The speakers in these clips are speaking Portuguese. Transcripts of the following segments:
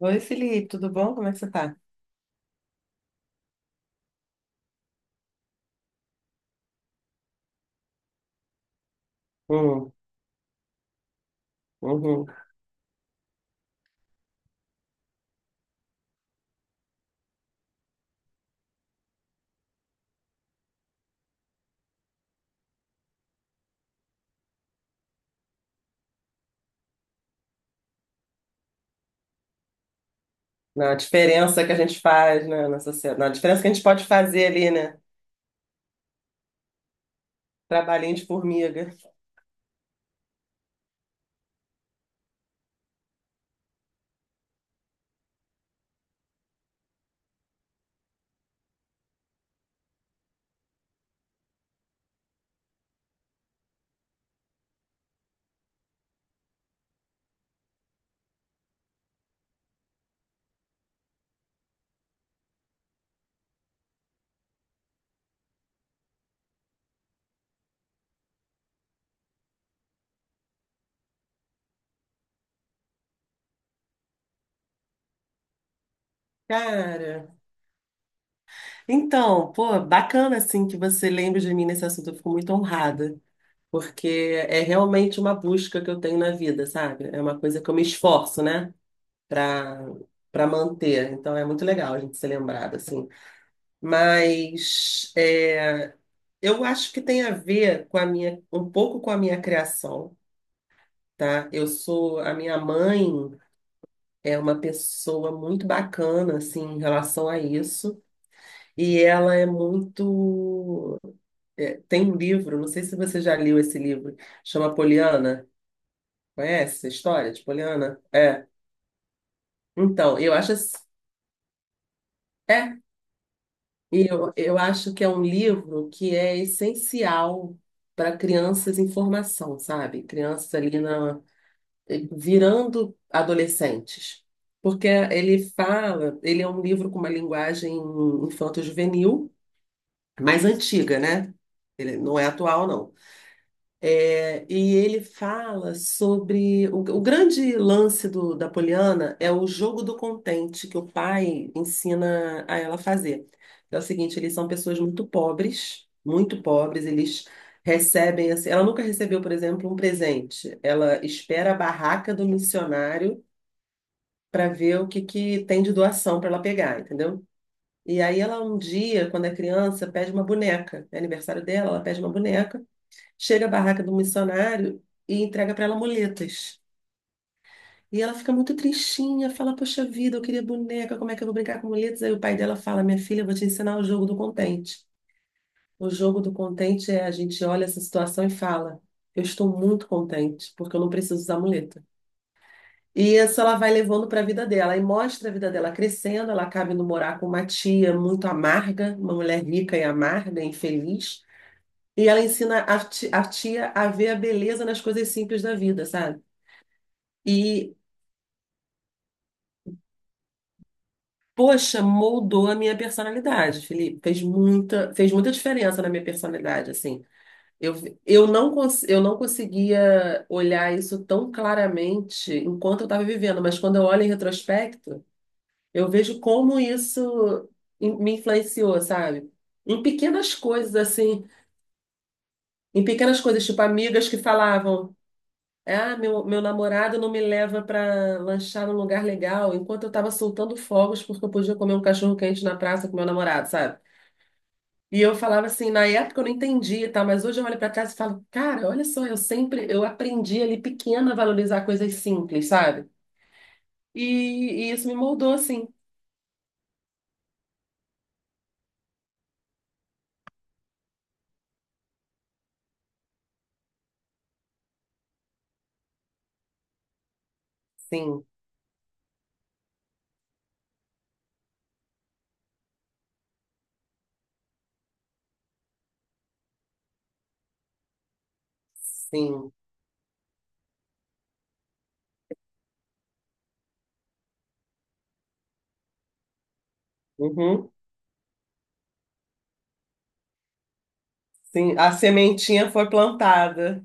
Oi, Felipe, tudo bom? Como é que você tá? Uhum, uhum. Na diferença que a gente faz, né, na sociedade, na diferença que a gente pode fazer ali, né? Trabalhinho de formiga. Cara, então, pô, bacana assim que você lembre de mim nesse assunto, eu fico muito honrada, porque é realmente uma busca que eu tenho na vida, sabe? É uma coisa que eu me esforço, né, pra, pra manter. Então é muito legal a gente ser lembrado, assim. Mas, eu acho que tem a ver com a minha, um pouco com a minha criação, tá? A minha mãe é uma pessoa muito bacana, assim, em relação a isso, e ela é muito, tem um livro, não sei se você já leu esse livro, chama Poliana. Conhece a história de Poliana? É, então, é, eu acho que é um livro que é essencial para crianças em formação, sabe? Crianças ali, na virando adolescentes. Porque ele fala, ele é um livro com uma linguagem infanto-juvenil, mais antiga, né? Ele não é atual, não. É, e ele fala sobre o grande lance da Poliana. É o jogo do contente que o pai ensina a ela fazer. É o seguinte: eles são pessoas muito pobres, eles recebem assim, ela nunca recebeu, por exemplo, um presente. Ela espera a barraca do missionário para ver o que que tem de doação para ela pegar, entendeu? E aí ela, um dia, quando é criança, pede uma boneca. É aniversário dela, ela pede uma boneca. Chega à barraca do missionário e entrega para ela muletas. E ela fica muito tristinha, fala: "Poxa vida, eu queria boneca, como é que eu vou brincar com muletas?" Aí o pai dela fala: "Minha filha, eu vou te ensinar o jogo do contente. O jogo do contente é: a gente olha essa situação e fala: eu estou muito contente, porque eu não preciso usar muleta." E isso ela vai levando para a vida dela, e mostra a vida dela crescendo. Ela acaba indo morar com uma tia muito amarga, uma mulher rica e amarga, infeliz. E ela ensina a a tia a ver a beleza nas coisas simples da vida, sabe? E, poxa, moldou a minha personalidade, Felipe. Fez muita diferença na minha personalidade, assim. Eu, eu não conseguia olhar isso tão claramente enquanto eu estava vivendo, mas quando eu olho em retrospecto, eu vejo como isso me influenciou, sabe? Em pequenas coisas, assim, em pequenas coisas, tipo amigas que falavam: "Ah, meu namorado não me leva para lanchar num lugar legal", enquanto eu estava soltando fogos porque eu podia comer um cachorro quente na praça com meu namorado, sabe? E eu falava assim, na época eu não entendia, tá? Mas hoje eu olho para trás e falo: "Cara, olha só, eu aprendi ali pequena a valorizar coisas simples, sabe?" E, e isso me moldou assim. Sim, sim, uhum, sim. A sementinha foi plantada.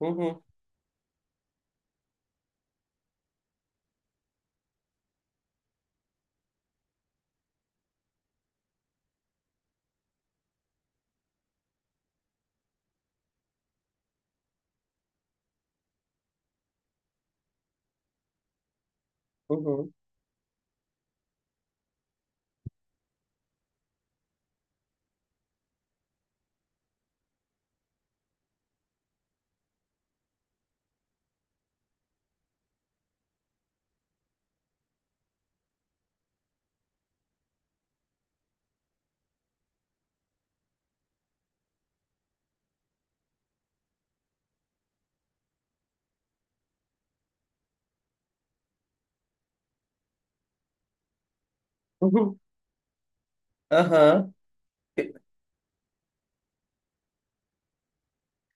Uhum, uhum, uhum, aham.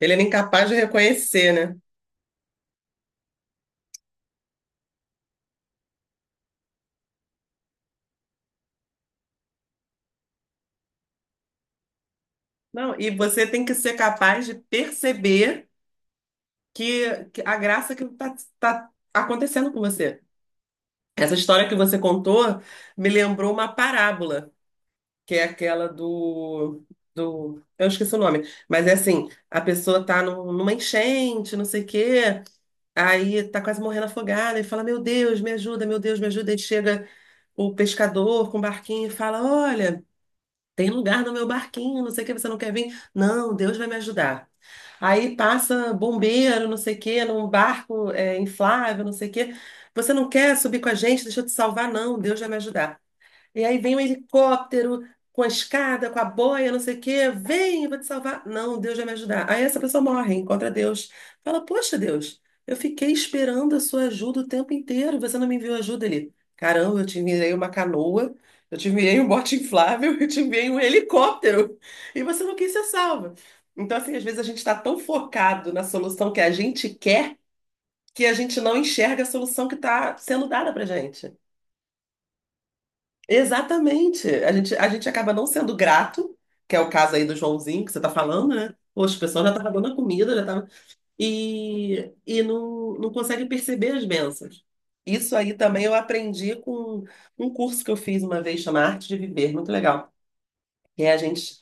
Ele era incapaz de reconhecer, né? Não, e você tem que ser capaz de perceber que a graça que está acontecendo com você. Essa história que você contou me lembrou uma parábola, que é aquela do, eu esqueci o nome, mas é assim: a pessoa tá numa enchente, não sei o quê, aí tá quase morrendo afogada e fala: "Meu Deus, me ajuda, meu Deus, me ajuda." Aí chega o pescador com o barquinho e fala: "Olha, tem lugar no meu barquinho, não sei o que, você não quer vir?" "Não, Deus vai me ajudar." Aí passa bombeiro, não sei o que, num barco, inflável, não sei o que. "Você não quer subir com a gente? Deixa eu te salvar." "Não, Deus vai me ajudar." E aí vem um helicóptero com a escada, com a boia, não sei o quê. "Vem, eu vou te salvar." "Não, Deus vai me ajudar." Aí essa pessoa morre, encontra Deus, fala: "Poxa, Deus, eu fiquei esperando a sua ajuda o tempo inteiro. Você não me enviou ajuda ali." "Caramba, eu te enviei uma canoa, eu te enviei um bote inflável, eu te enviei um helicóptero. E você não quis ser salva." Então, assim, às vezes a gente está tão focado na solução que a gente quer, que a gente não enxerga a solução que está sendo dada pra gente. Exatamente. A gente acaba não sendo grato, que é o caso aí do Joãozinho que você tá falando, né? Poxa, o pessoal já tava dando a comida, já tava. E não consegue perceber as bênçãos. Isso aí também eu aprendi com um curso que eu fiz uma vez, chama Arte de Viver, muito legal. E a gente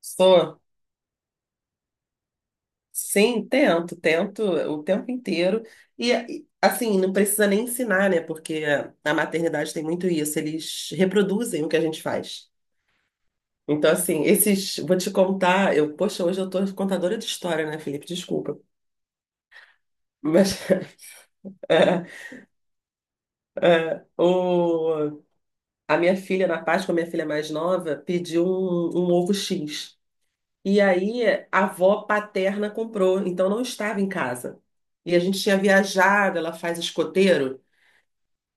só, sim, tento, tento o tempo inteiro. E, assim, não precisa nem ensinar, né? Porque a maternidade tem muito isso, eles reproduzem o que a gente faz. Então, assim, esses... Vou te contar. Eu, poxa, hoje eu tô contadora de história, né, Felipe? Desculpa. Mas é, é, o, a minha filha, na Páscoa, a minha filha mais nova, pediu um ovo X. E aí a avó paterna comprou, então não estava em casa. E a gente tinha viajado, ela faz escoteiro.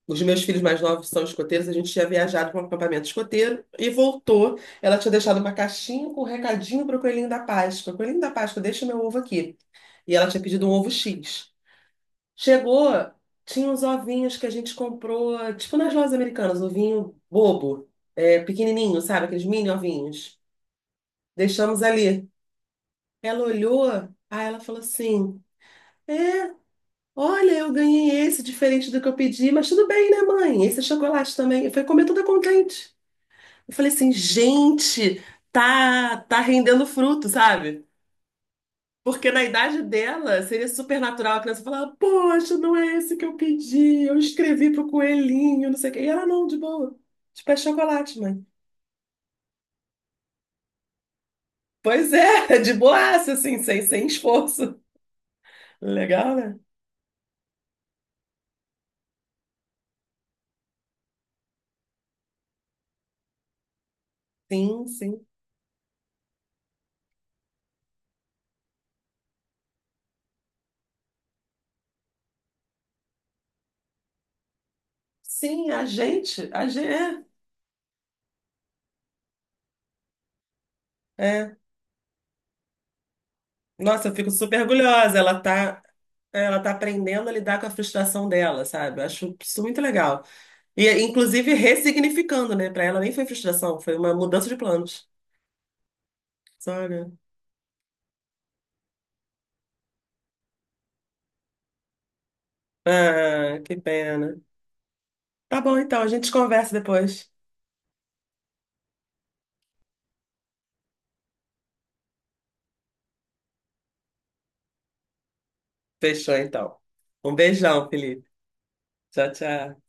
Os meus filhos mais novos são escoteiros, a gente tinha viajado para um acampamento escoteiro e voltou. Ela tinha deixado uma caixinha com um recadinho para o Coelhinho da Páscoa: "Coelhinho da Páscoa, deixa meu ovo aqui." E ela tinha pedido um ovo X. Chegou, tinha uns ovinhos que a gente comprou, tipo nas lojas americanas, ovinho bobo, pequenininho, sabe? Aqueles mini ovinhos. Deixamos ali. Ela olhou, aí ela falou assim: "É, olha, eu ganhei esse, diferente do que eu pedi, mas tudo bem, né, mãe? Esse é chocolate também." Eu falei, comer toda contente. Eu falei assim: "Gente, tá, rendendo fruto, sabe?" Porque na idade dela seria super natural a criança falar: "Poxa, não é esse que eu pedi, eu escrevi pro coelhinho, não sei o quê." E ela, não, de boa. Tipo, é chocolate, mãe. Pois é, de boaça, assim, sem esforço. Legal, né? Sim, sim. Sim, a gente, é, é. Nossa, eu fico super orgulhosa. Ela tá aprendendo a lidar com a frustração dela, sabe? Eu acho isso muito legal. E, inclusive, ressignificando, né? Pra ela nem foi frustração, foi uma mudança de planos. Sabe? Ah, que pena. Tá bom, então, a gente conversa depois. Fechou, então. Um beijão, Felipe. Tchau, tchau.